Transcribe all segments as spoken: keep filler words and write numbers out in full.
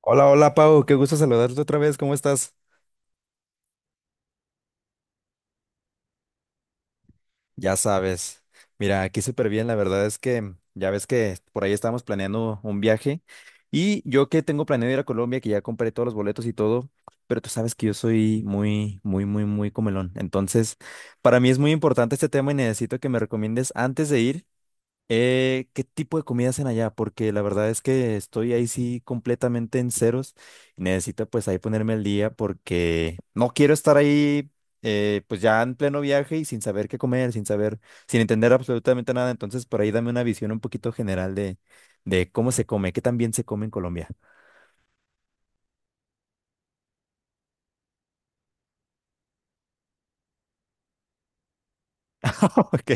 Hola, hola Pau, qué gusto saludarte otra vez, ¿cómo estás? Ya sabes, mira, aquí súper bien, la verdad es que ya ves que por ahí estábamos planeando un viaje y yo que tengo planeado ir a Colombia, que ya compré todos los boletos y todo, pero tú sabes que yo soy muy, muy, muy, muy comelón, entonces para mí es muy importante este tema y necesito que me recomiendes antes de ir. Eh, ¿qué tipo de comida hacen allá? Porque la verdad es que estoy ahí sí completamente en ceros. Necesito pues ahí ponerme al día porque no quiero estar ahí eh, pues ya en pleno viaje y sin saber qué comer, sin saber, sin entender absolutamente nada. Entonces por ahí dame una visión un poquito general de, de cómo se come, qué tan bien se come en Colombia. Ok.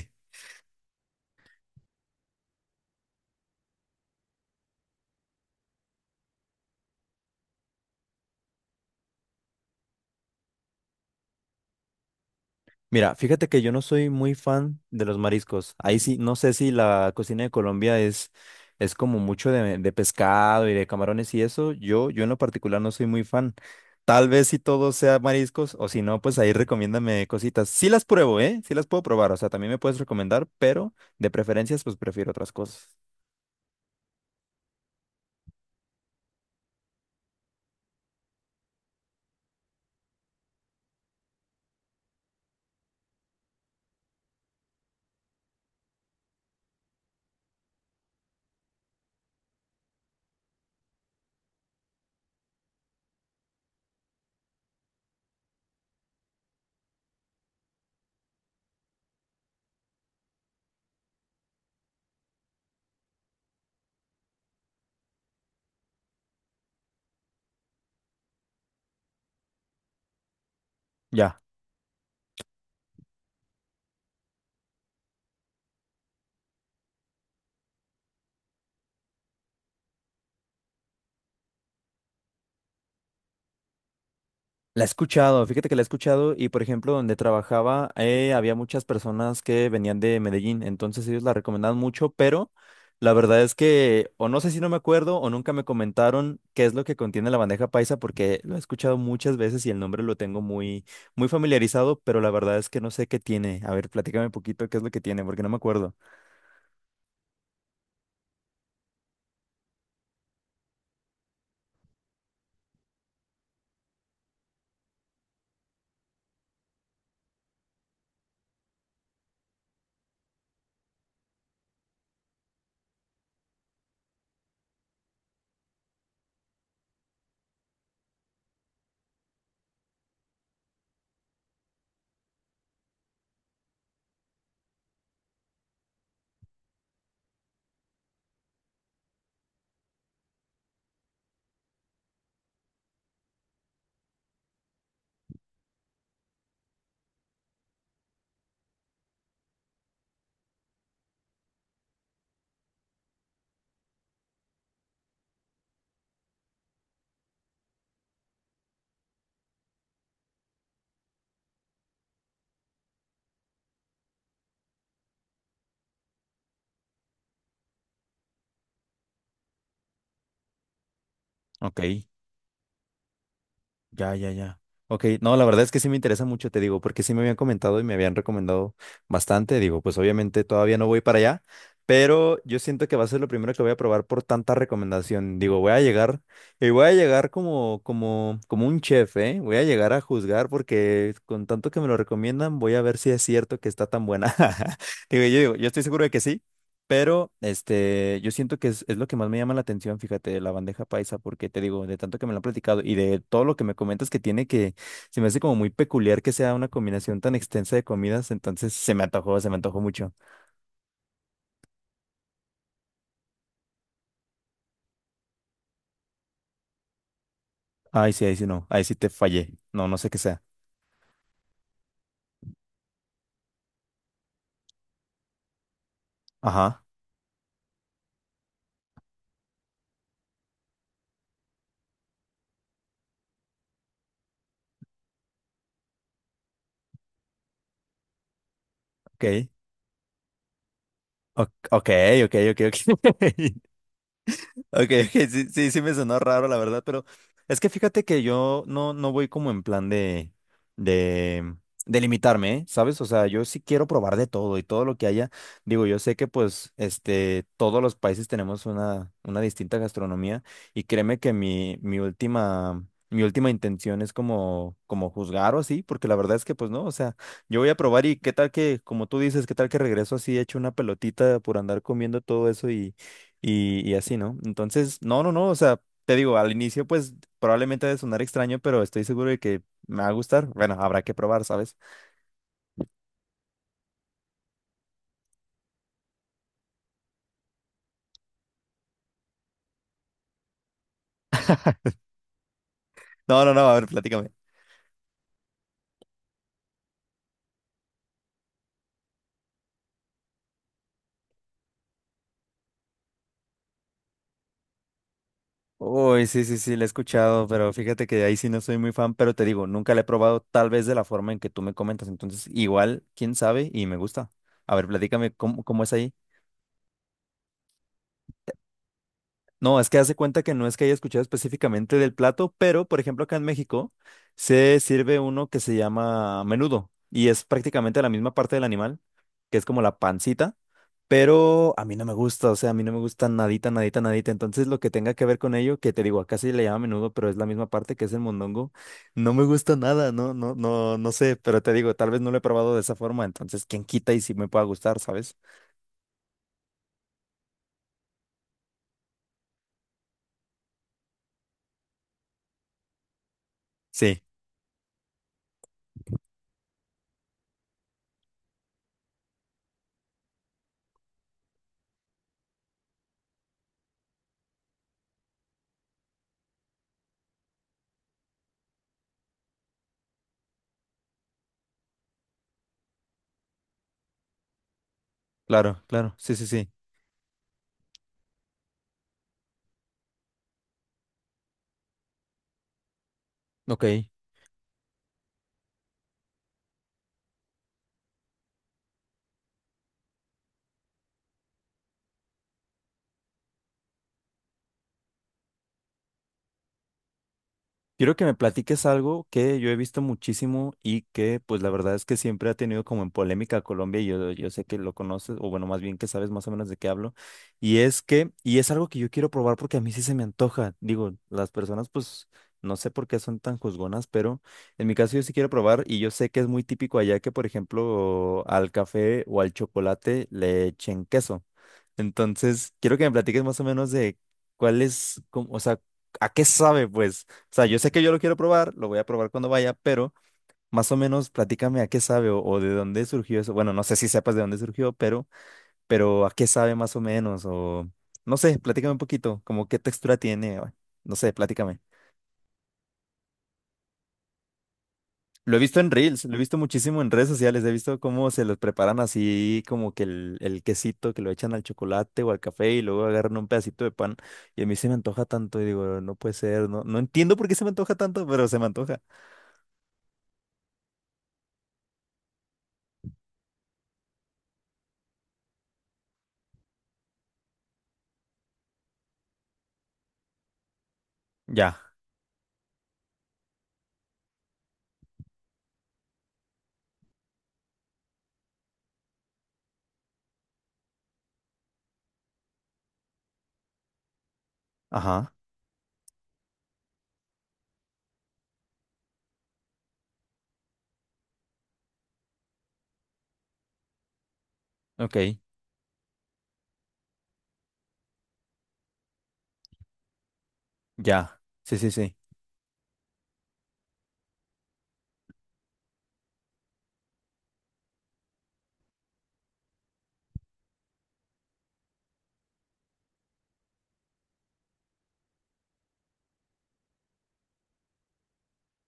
Mira, fíjate que yo no soy muy fan de los mariscos. Ahí sí, no sé si la cocina de Colombia es, es como mucho de, de pescado y de camarones y eso. Yo, yo en lo particular no soy muy fan. Tal vez si todo sea mariscos o si no, pues ahí recomiéndame cositas. Sí las pruebo, ¿eh? Sí las puedo probar. O sea, también me puedes recomendar, pero de preferencias, pues prefiero otras cosas. Ya. La he escuchado, fíjate que la he escuchado y por ejemplo donde trabajaba eh, había muchas personas que venían de Medellín, entonces ellos la recomendaban mucho, pero la verdad es que o no sé si no me acuerdo o nunca me comentaron qué es lo que contiene la bandeja paisa porque lo he escuchado muchas veces y el nombre lo tengo muy muy familiarizado, pero la verdad es que no sé qué tiene. A ver, platícame un poquito qué es lo que tiene porque no me acuerdo. Ok. Ya, ya, ya. Ok, no, la verdad es que sí me interesa mucho, te digo, porque sí me habían comentado y me habían recomendado bastante. Digo, pues obviamente todavía no voy para allá, pero yo siento que va a ser lo primero que voy a probar por tanta recomendación. Digo, voy a llegar y voy a llegar como, como, como un chef, ¿eh? Voy a llegar a juzgar porque con tanto que me lo recomiendan, voy a ver si es cierto que está tan buena. Digo, yo digo, yo estoy seguro de que sí. Pero este, yo siento que es, es lo que más me llama la atención, fíjate, de la bandeja paisa, porque te digo, de tanto que me lo han platicado y de todo lo que me comentas que tiene que, se me hace como muy peculiar que sea una combinación tan extensa de comidas, entonces se me antojó, se me antojó mucho. Ay, sí, ahí sí no, ahí sí te fallé. No, no sé qué sea. Ajá, ok. O- ok, ok, ok, ok. Ok, ok, sí, sí, sí me sonó raro, la verdad, pero es que fíjate que yo no, no voy como en plan de, de, de limitarme, ¿eh? ¿Sabes? O sea, yo sí quiero probar de todo y todo lo que haya. Digo, yo sé que pues, este, todos los países tenemos una, una distinta gastronomía y créeme que mi, mi última, mi última intención es como, como juzgar o así, porque la verdad es que pues no, o sea, yo voy a probar y qué tal que, como tú dices, qué tal que regreso así hecho una pelotita por andar comiendo todo eso y, y así, ¿no? Entonces, no, no, no, o sea, te digo, al inicio pues probablemente ha de sonar extraño, pero estoy seguro de que me va a gustar. Bueno, habrá que probar, ¿sabes? No, no, no, a ver, platícame. Uy, sí, sí, sí, la he escuchado, pero fíjate que ahí sí no soy muy fan, pero te digo, nunca la he probado tal vez de la forma en que tú me comentas, entonces igual, quién sabe, y me gusta. A ver, platícame cómo, cómo es ahí. No, es que hace cuenta que no es que haya escuchado específicamente del plato, pero por ejemplo acá en México se sirve uno que se llama menudo y es prácticamente la misma parte del animal, que es como la pancita, pero a mí no me gusta, o sea, a mí no me gusta nadita, nadita, nadita, entonces lo que tenga que ver con ello, que te digo, acá sí le llama menudo, pero es la misma parte que es el mondongo, no me gusta nada, no, no, no, no sé, pero te digo, tal vez no lo he probado de esa forma, entonces quién quita y si me pueda gustar, ¿sabes? Sí, claro, claro, sí, sí, sí, ok. Quiero que me platiques algo que yo he visto muchísimo y que pues la verdad es que siempre ha tenido como en polémica a Colombia y yo, yo sé que lo conoces, o bueno, más bien que sabes más o menos de qué hablo, y es que, y es algo que yo quiero probar porque a mí sí se me antoja, digo, las personas pues no sé por qué son tan juzgonas, pero en mi caso yo sí quiero probar y yo sé que es muy típico allá que por ejemplo al café o al chocolate le echen queso. Entonces, quiero que me platiques más o menos de cuál es, cómo- o sea, a qué sabe pues. O sea, yo sé que yo lo quiero probar, lo voy a probar cuando vaya, pero más o menos platícame a qué sabe o, o de dónde surgió eso. Bueno, no sé si sepas de dónde surgió, pero, pero a qué sabe más o menos o no sé, platícame un poquito, como qué textura tiene, o- no sé, platícame. Lo he visto en Reels, lo he visto muchísimo en redes sociales, he visto cómo se los preparan así, como que el, el quesito que lo echan al chocolate o al café y luego agarran un pedacito de pan y a mí se me antoja tanto y digo, no puede ser, no, no entiendo por qué se me antoja tanto, pero se me antoja. Ya, ajá, ok. Ya, sí, sí, sí,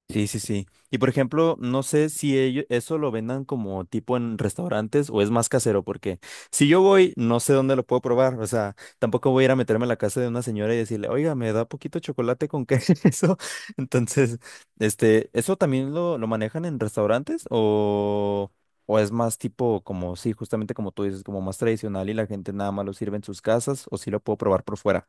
sí, sí, sí. Y por ejemplo, no sé si ellos eso lo vendan como tipo en restaurantes o es más casero, porque si yo voy, no sé dónde lo puedo probar, o sea, tampoco voy a ir a meterme a la casa de una señora y decirle, oiga, me da poquito chocolate con queso. Entonces, este, ¿eso también lo, lo manejan en restaurantes o, o es más tipo como, sí, justamente como tú dices, como más tradicional y la gente nada más lo sirve en sus casas o si lo puedo probar por fuera?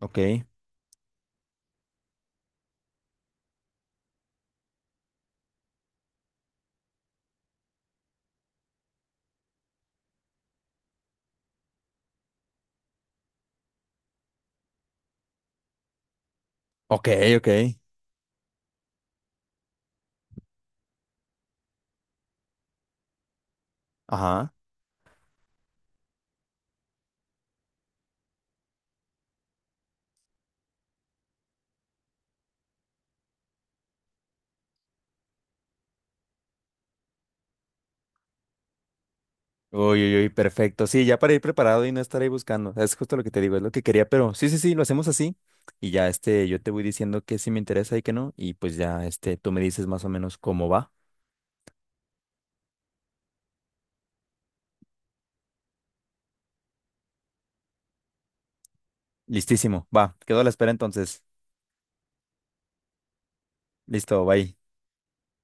Ok, ok, ok, ajá. Uy, uy, uy, perfecto. Sí, ya para ir preparado y no estar ahí buscando. Es justo lo que te digo, es lo que quería, pero sí, sí, sí, lo hacemos así. Y ya este, yo te voy diciendo que sí me interesa y que no. Y pues ya este, tú me dices más o menos cómo va. Listísimo, va. Quedo a la espera entonces. Listo, bye.